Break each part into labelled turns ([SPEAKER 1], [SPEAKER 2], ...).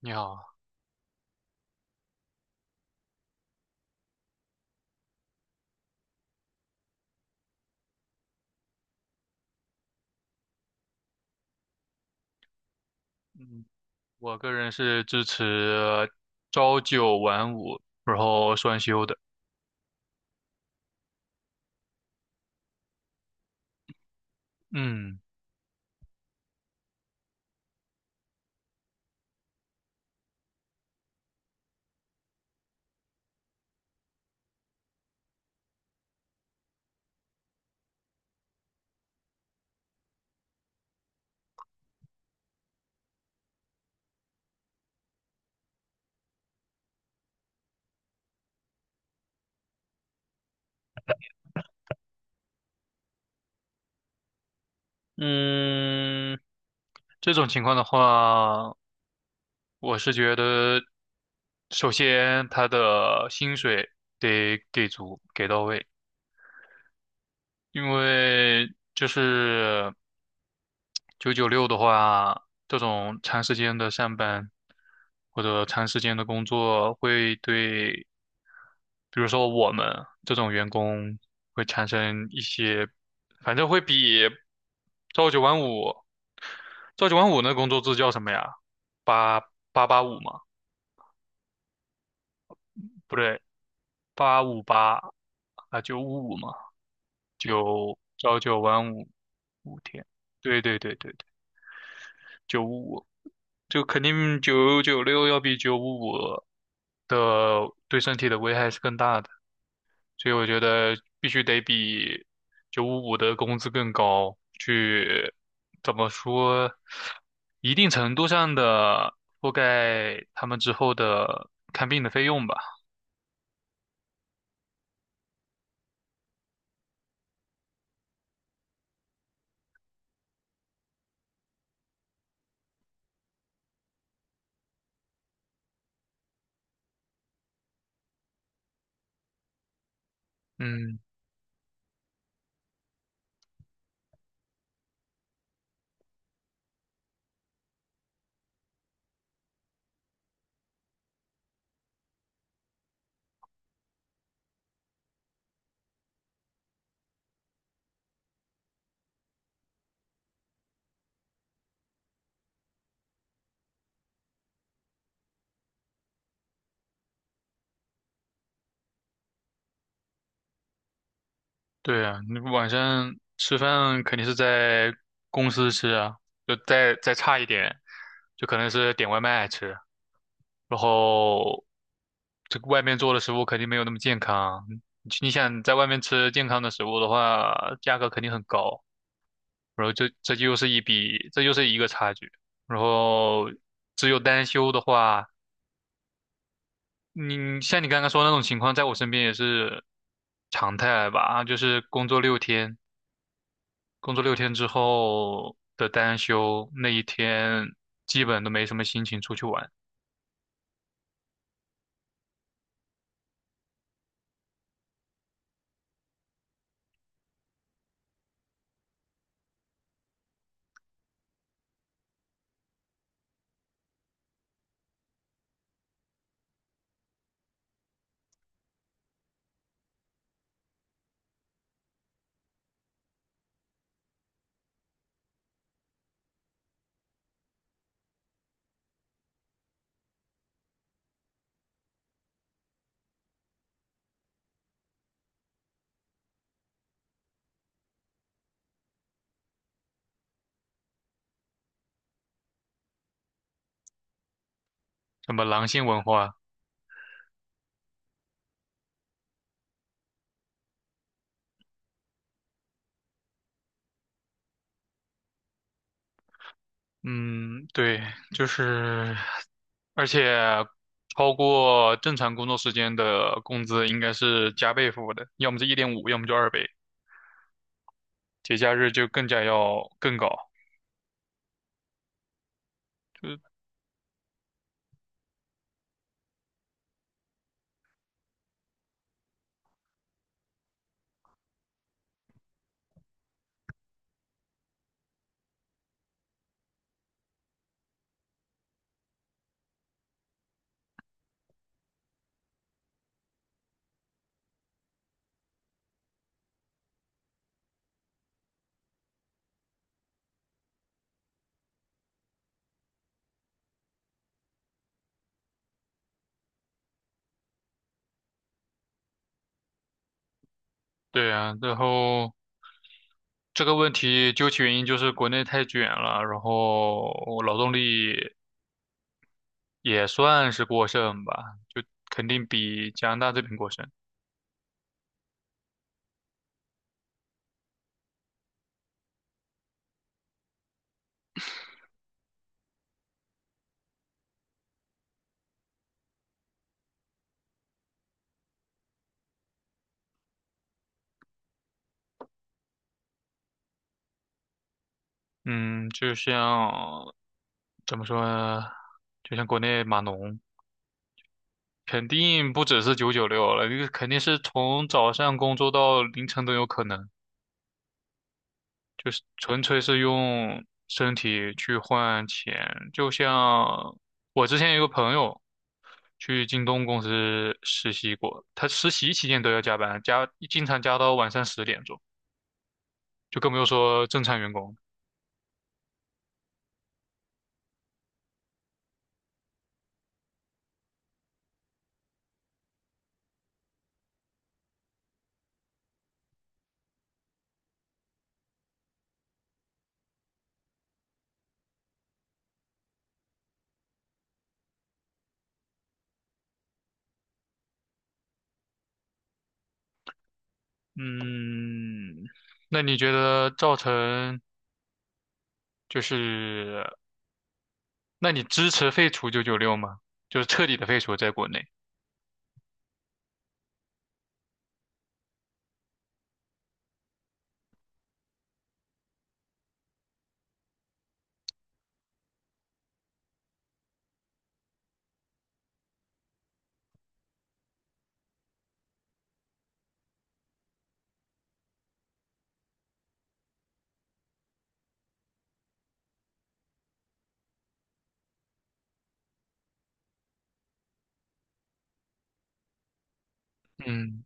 [SPEAKER 1] 你好，嗯，我个人是支持朝九晚五，然后双休的。嗯嗯，这种情况的话，我是觉得，首先他的薪水得给足，给到位，因为就是九九六的话，这种长时间的上班或者长时间的工作会对比如说我们这种员工会产生一些，反正会比朝九晚五，朝九晚五那工作制叫什么呀？八八八五嘛，不对，八五八啊，九五五嘛，九朝九晚五五天，对对对对对，九五五，就肯定九九六要比九五五的对身体的危害是更大的。所以我觉得必须得比九五五的工资更高，去怎么说，一定程度上的覆盖他们之后的看病的费用吧。嗯，对啊，你晚上吃饭肯定是在公司吃啊，就再差一点，就可能是点外卖吃，然后这个外面做的食物肯定没有那么健康。你想在外面吃健康的食物的话，价格肯定很高。然后这就又是一笔，这又是一个差距。然后只有单休的话，你像你刚刚说的那种情况，在我身边也是常态吧，就是工作六天，工作六天之后的单休那一天，基本都没什么心情出去玩，什么狼性文化，嗯，对，就是，而且超过正常工作时间的工资应该是加倍付的，要么是1.5，要么就2倍。节假日就更加要更高，就对呀。然后这个问题究其原因就是国内太卷了，然后劳动力也算是过剩吧，就肯定比加拿大这边过剩。嗯，就像怎么说呢，就像国内码农，肯定不只是九九六了，这个肯定是从早上工作到凌晨都有可能。就是纯粹是用身体去换钱，就像我之前有个朋友去京东公司实习过，他实习期间都要加班，加经常加到晚上10点钟，就更不用说正常员工。嗯，那你觉得造成就是，那你支持废除九九六吗？就是彻底的废除在国内。嗯，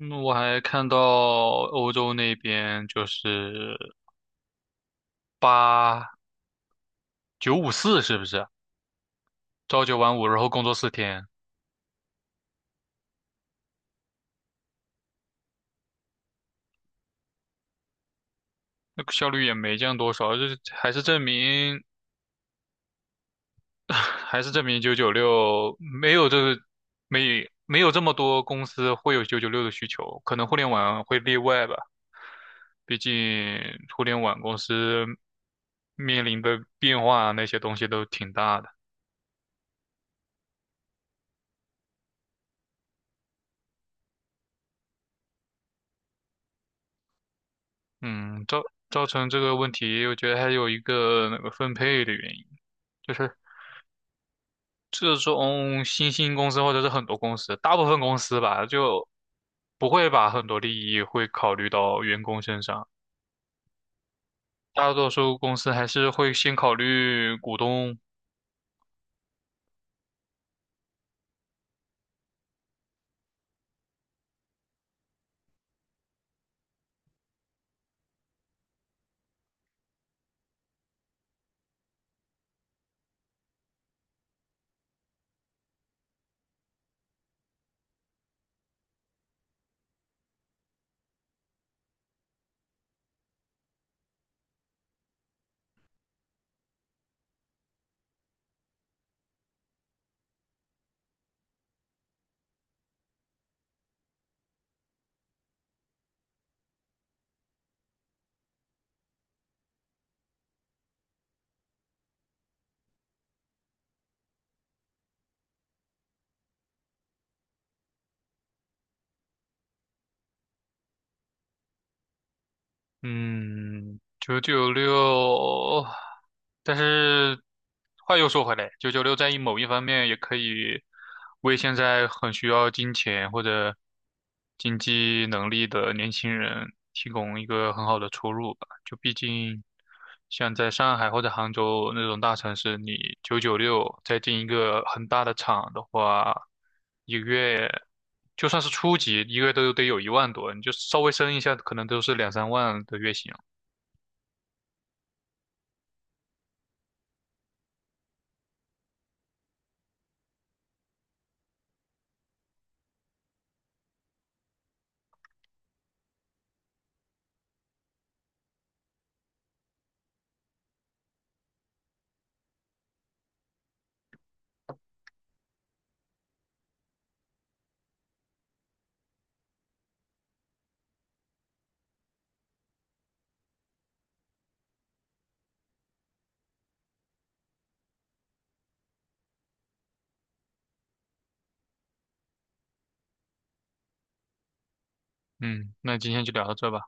[SPEAKER 1] 嗯我还看到欧洲那边就是八。九五四是不是？朝九晚五，然后工作4天，那个效率也没降多少，就是还是证明九九六没有这个没有这么多公司会有九九六的需求，可能互联网会例外吧，毕竟互联网公司面临的变化那些东西都挺大的。嗯，造成这个问题，我觉得还有一个那个分配的原因。就是这种新兴公司或者是很多公司，大部分公司吧，就不会把很多利益会考虑到员工身上，大多数公司还是会先考虑股东。嗯，九九六，但是话又说回来，九九六在某一方面也可以为现在很需要金钱或者经济能力的年轻人提供一个很好的出路。就毕竟像在上海或者杭州那种大城市，你九九六再进一个很大的厂的话，一个月就算是初级，一个月都得有1万多，你就稍微升一下，可能都是两三万的月薪。嗯，那今天就聊到这吧。